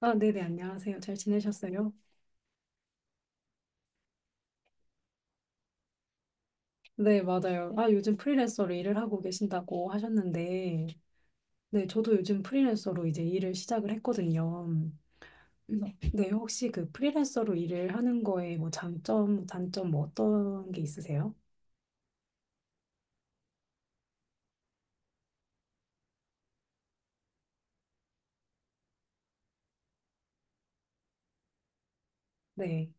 아, 네네, 안녕하세요. 잘 지내셨어요? 네, 맞아요. 아, 요즘 프리랜서로 일을 하고 계신다고 하셨는데, 네, 저도 요즘 프리랜서로 이제 일을 시작을 했거든요. 네. 네, 혹시 그 프리랜서로 일을 하는 거에 뭐 장점, 단점 뭐 어떤 게 있으세요? 네.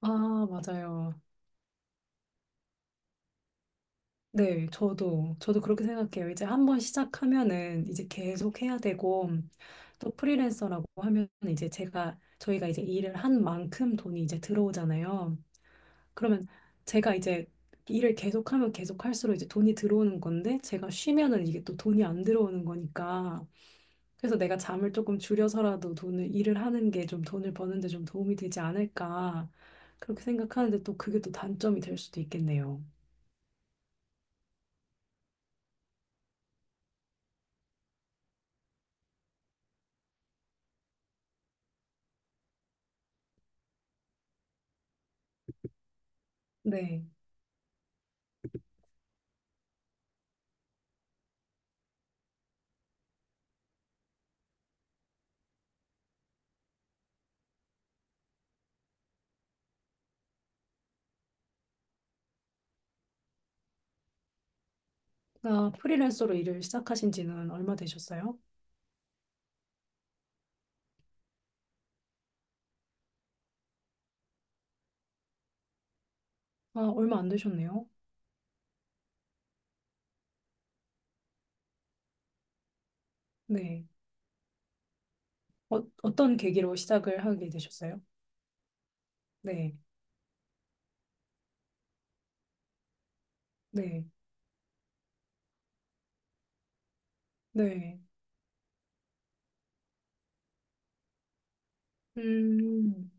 아, 맞아요. 네, 저도 그렇게 생각해요. 이제 한번 시작하면은 이제 계속 해야 되고, 또 프리랜서라고 하면 이제 제가, 저희가 이제 일을 한 만큼 돈이 이제 들어오잖아요. 그러면 제가 이제 일을 계속하면 계속할수록 이제 돈이 들어오는 건데 제가 쉬면은 이게 또 돈이 안 들어오는 거니까 그래서 내가 잠을 조금 줄여서라도 돈을 일을 하는 게 좀 돈을 버는 데 좀 도움이 되지 않을까 그렇게 생각하는데 또 그게 또 단점이 될 수도 있겠네요. 네. 아, 프리랜서로 일을 시작하신 지는 얼마 되셨어요? 아, 얼마 안 되셨네요. 네. 어떤 계기로 시작을 하게 되셨어요? 네. 네. 네. 음.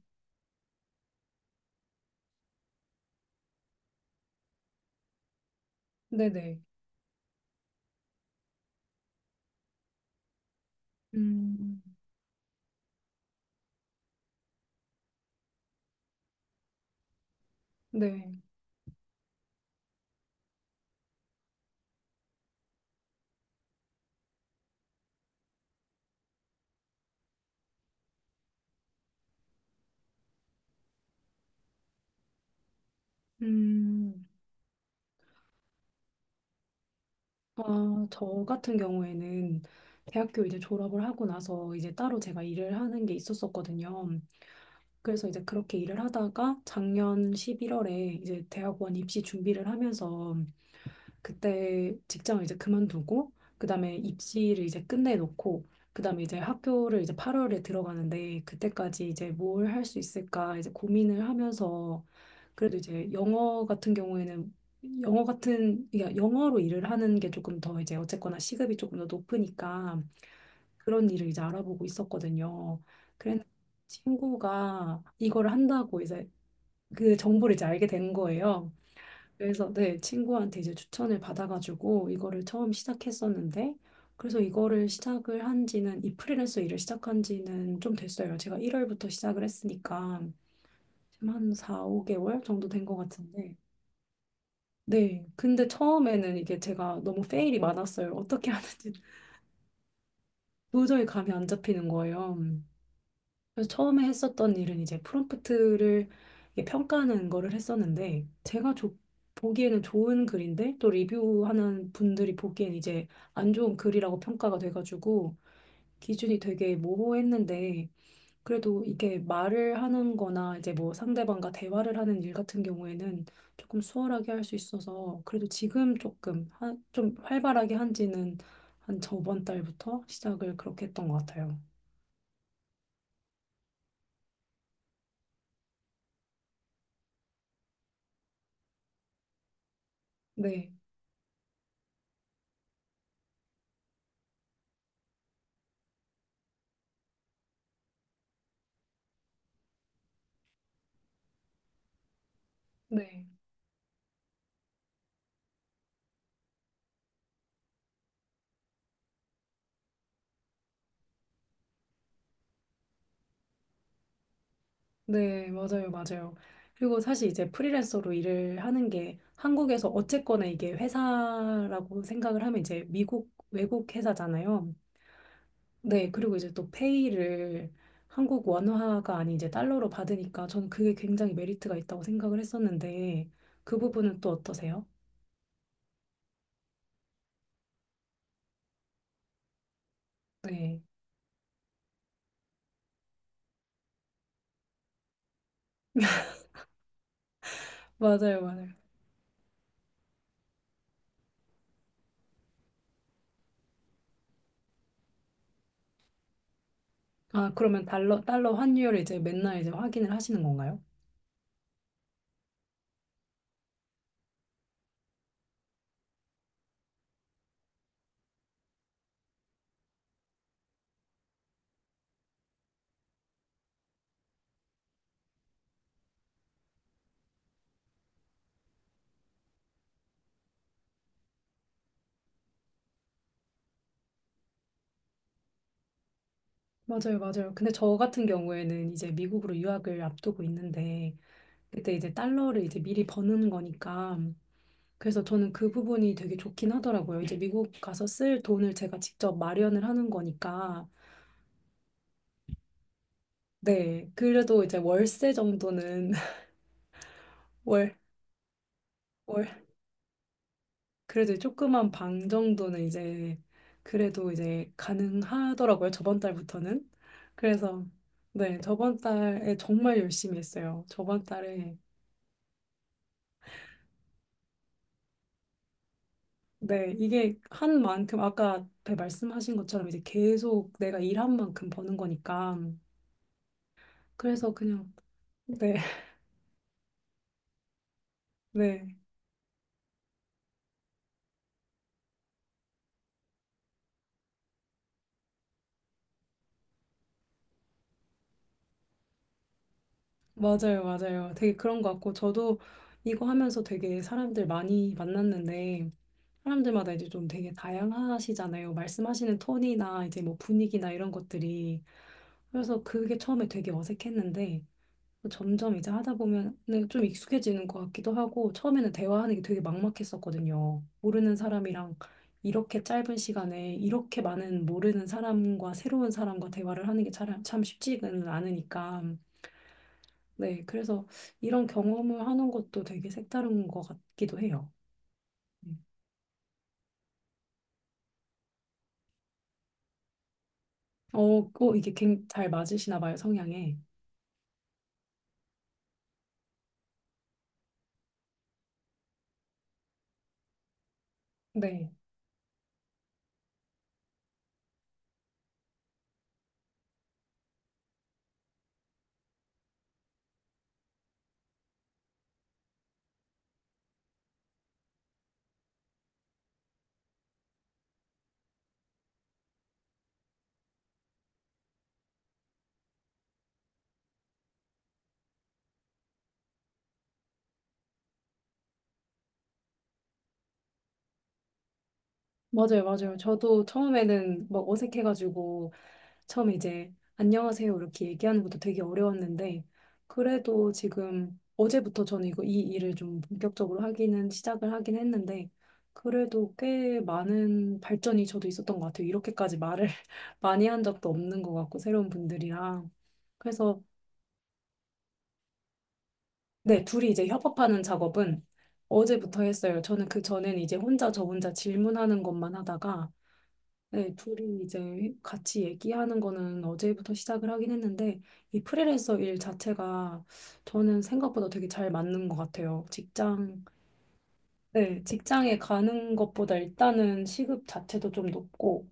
네네. 음. 네. 음, 아, 저 같은 경우에는 대학교 이제 졸업을 하고 나서 이제 따로 제가 일을 하는 게 있었었거든요. 그래서 이제 그렇게 일을 하다가 작년 11월에 이제 대학원 입시 준비를 하면서 그때 직장을 이제 그만두고 그다음에 입시를 이제 끝내놓고 그다음에 이제 학교를 이제 8월에 들어가는데 그때까지 이제 뭘 할 수 있을까 이제 고민을 하면서 그래도 이제 영어 같은 경우에는 영어 같은 그러니까 영어로 일을 하는 게 조금 더 이제 어쨌거나 시급이 조금 더 높으니까 그런 일을 이제 알아보고 있었거든요. 그래서 친구가 이걸 한다고 이제 그 정보를 이제 알게 된 거예요. 그래서 네, 친구한테 이제 추천을 받아가지고 이거를 처음 시작했었는데 그래서 이거를 시작을 한 지는 이 프리랜서 일을 시작한 지는 좀 됐어요. 제가 1월부터 시작을 했으니까 지금 한 4, 5개월 정도 된 것 같은데 네, 근데 처음에는 이게 제가 너무 페일이 많았어요. 어떻게 하는지 도저히 감이 안 잡히는 거예요. 그래서 처음에 했었던 일은 이제 프롬프트를 이게 평가하는 거를 했었는데 제가 보기에는 좋은 글인데 또 리뷰하는 분들이 보기엔 이제 안 좋은 글이라고 평가가 돼가지고 기준이 되게 모호했는데 그래도 이게 말을 하는 거나 이제 뭐 상대방과 대화를 하는 일 같은 경우에는 조금 수월하게 할 수 있어서 그래도 지금 조금 한, 좀 활발하게 한지는 한 저번 달부터 시작을 그렇게 했던 것 같아요. 네. 네. 네, 맞아요, 맞아요. 그리고 사실 이제 프리랜서로 일을 하는 게 한국에서 어쨌거나 이게 회사라고 생각을 하면 이제 미국, 외국 회사잖아요. 네, 그리고 이제 또 페이를 한국 원화가 아닌 이제 달러로 받으니까 저는 그게 굉장히 메리트가 있다고 생각을 했었는데 그 부분은 또 어떠세요? 네, 맞아요, 맞아요. 아, 그러면 달러 환율을 이제 맨날 이제 확인을 하시는 건가요? 맞아요, 맞아요. 근데 저 같은 경우에는 이제 미국으로 유학을 앞두고 있는데 그때 이제 달러를 이제 미리 버는 거니까. 그래서 저는 그 부분이 되게 좋긴 하더라고요. 이제 미국 가서 쓸 돈을 제가 직접 마련을 하는 거니까. 네. 그래도 이제 월세 정도는, 월, 월. 그래도 조그만 방 정도는 이제, 그래도 이제 가능하더라고요. 저번 달부터는. 그래서, 네. 저번 달에 정말 열심히 했어요. 저번 달에 네, 이게 한 만큼 아까 배 말씀하신 것처럼 이제 계속 내가 일한 만큼 버는 거니까 그래서 그냥 네, 네, 맞아요, 맞아요. 되게 그런 것 같고 저도 이거 하면서 되게 사람들 많이 만났는데 사람들마다 이제 좀 되게 다양하시잖아요. 말씀하시는 톤이나 이제 뭐 분위기나 이런 것들이 그래서 그게 처음에 되게 어색했는데 점점 이제 하다 보면 좀 익숙해지는 것 같기도 하고 처음에는 대화하는 게 되게 막막했었거든요. 모르는 사람이랑 이렇게 짧은 시간에 이렇게 많은 모르는 사람과 새로운 사람과 대화를 하는 게 참, 참 쉽지는 않으니까. 네, 그래서 이런 경험을 하는 것도 되게 색다른 것 같기도 해요. 음. 이게 잘 맞으시나 봐요, 성향에. 네. 맞아요, 맞아요. 저도 처음에는 막 어색해가지고 처음에 이제 안녕하세요 이렇게 얘기하는 것도 되게 어려웠는데 그래도 지금 어제부터 저는 이거 이 일을 좀 본격적으로 하기는 시작을 하긴 했는데 그래도 꽤 많은 발전이 저도 있었던 것 같아요. 이렇게까지 말을 많이 한 적도 없는 것 같고 새로운 분들이랑 그래서 네 둘이 이제 협업하는 작업은 어제부터 했어요. 저는 그 전엔 이제 혼자 저 혼자 질문하는 것만 하다가 네, 둘이 이제 같이 얘기하는 거는 어제부터 시작을 하긴 했는데, 이 프리랜서 일 자체가 저는 생각보다 되게 잘 맞는 것 같아요. 직장, 네, 직장에 가는 것보다 일단은 시급 자체도 좀 높고,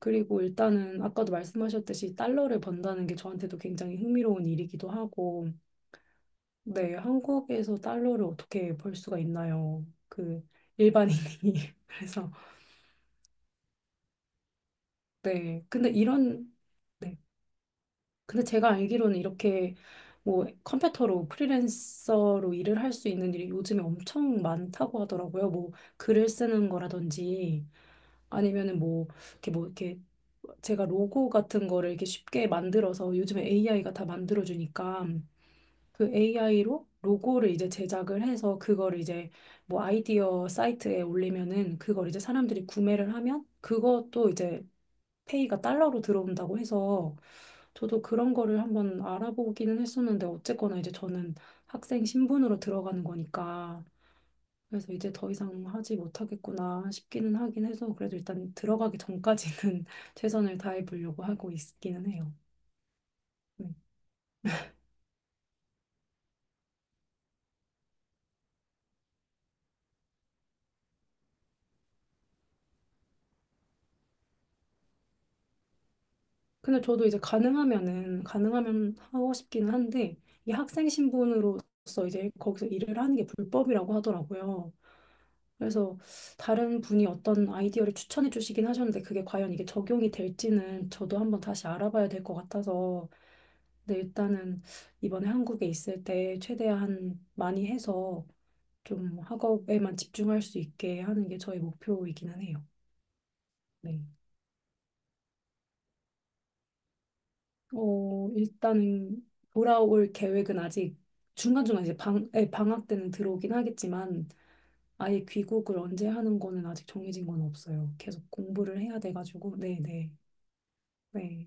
그리고 일단은 아까도 말씀하셨듯이 달러를 번다는 게 저한테도 굉장히 흥미로운 일이기도 하고, 네, 한국에서 달러를 어떻게 벌 수가 있나요? 그 일반인이. 그래서, 네, 근데 이런, 네. 근데 제가 알기로는 이렇게 뭐 컴퓨터로 프리랜서로 일을 할 수 있는 일이 요즘에 엄청 많다고 하더라고요. 뭐 글을 쓰는 거라든지 아니면은 뭐 이렇게 뭐 이렇게 제가 로고 같은 거를 이렇게 쉽게 만들어서 요즘에 AI가 다 만들어주니까 그 AI로 로고를 이제 제작을 해서 그거를 이제 뭐 아이디어 사이트에 올리면은 그걸 이제 사람들이 구매를 하면 그것도 이제 페이가 달러로 들어온다고 해서 저도 그런 거를 한번 알아보기는 했었는데 어쨌거나 이제 저는 학생 신분으로 들어가는 거니까 그래서 이제 더 이상 하지 못하겠구나 싶기는 하긴 해서 그래도 일단 들어가기 전까지는 최선을 다해 보려고 하고 있기는 해요. 네. 근데 저도 이제 가능하면은 가능하면 하고 싶기는 한데 이 학생 신분으로서 이제 거기서 일을 하는 게 불법이라고 하더라고요. 그래서 다른 분이 어떤 아이디어를 추천해 주시긴 하셨는데 그게 과연 이게 적용이 될지는 저도 한번 다시 알아봐야 될 것 같아서 근데 일단은 이번에 한국에 있을 때 최대한 많이 해서 좀 학업에만 집중할 수 있게 하는 게 저의 목표이기는 해요. 네. 일단은 돌아올 계획은 아직 중간중간 이제 예, 방학 때는 들어오긴 하겠지만 아예 귀국을 언제 하는 거는 아직 정해진 건 없어요. 계속 공부를 해야 돼가지고. 네네. 네. 네. 네.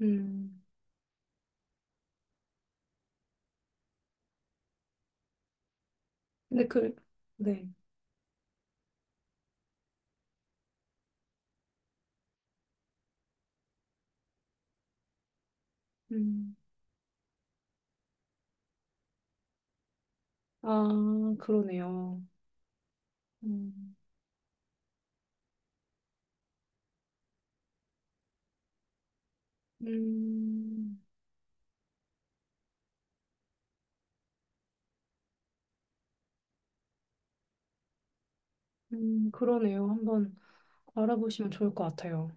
음. 근데 그, 네. 음. 아, 그러네요. 음. 음. 그러네요. 한번 알아보시면 좋을 것 같아요.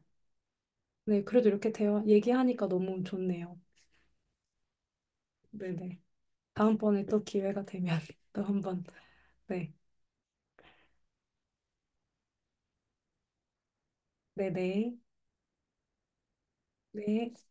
네, 그래도 이렇게 대화, 얘기하니까 너무 좋네요. 네네. 다음번에 또 기회가 되면 또 한번. 네. 네네. 네.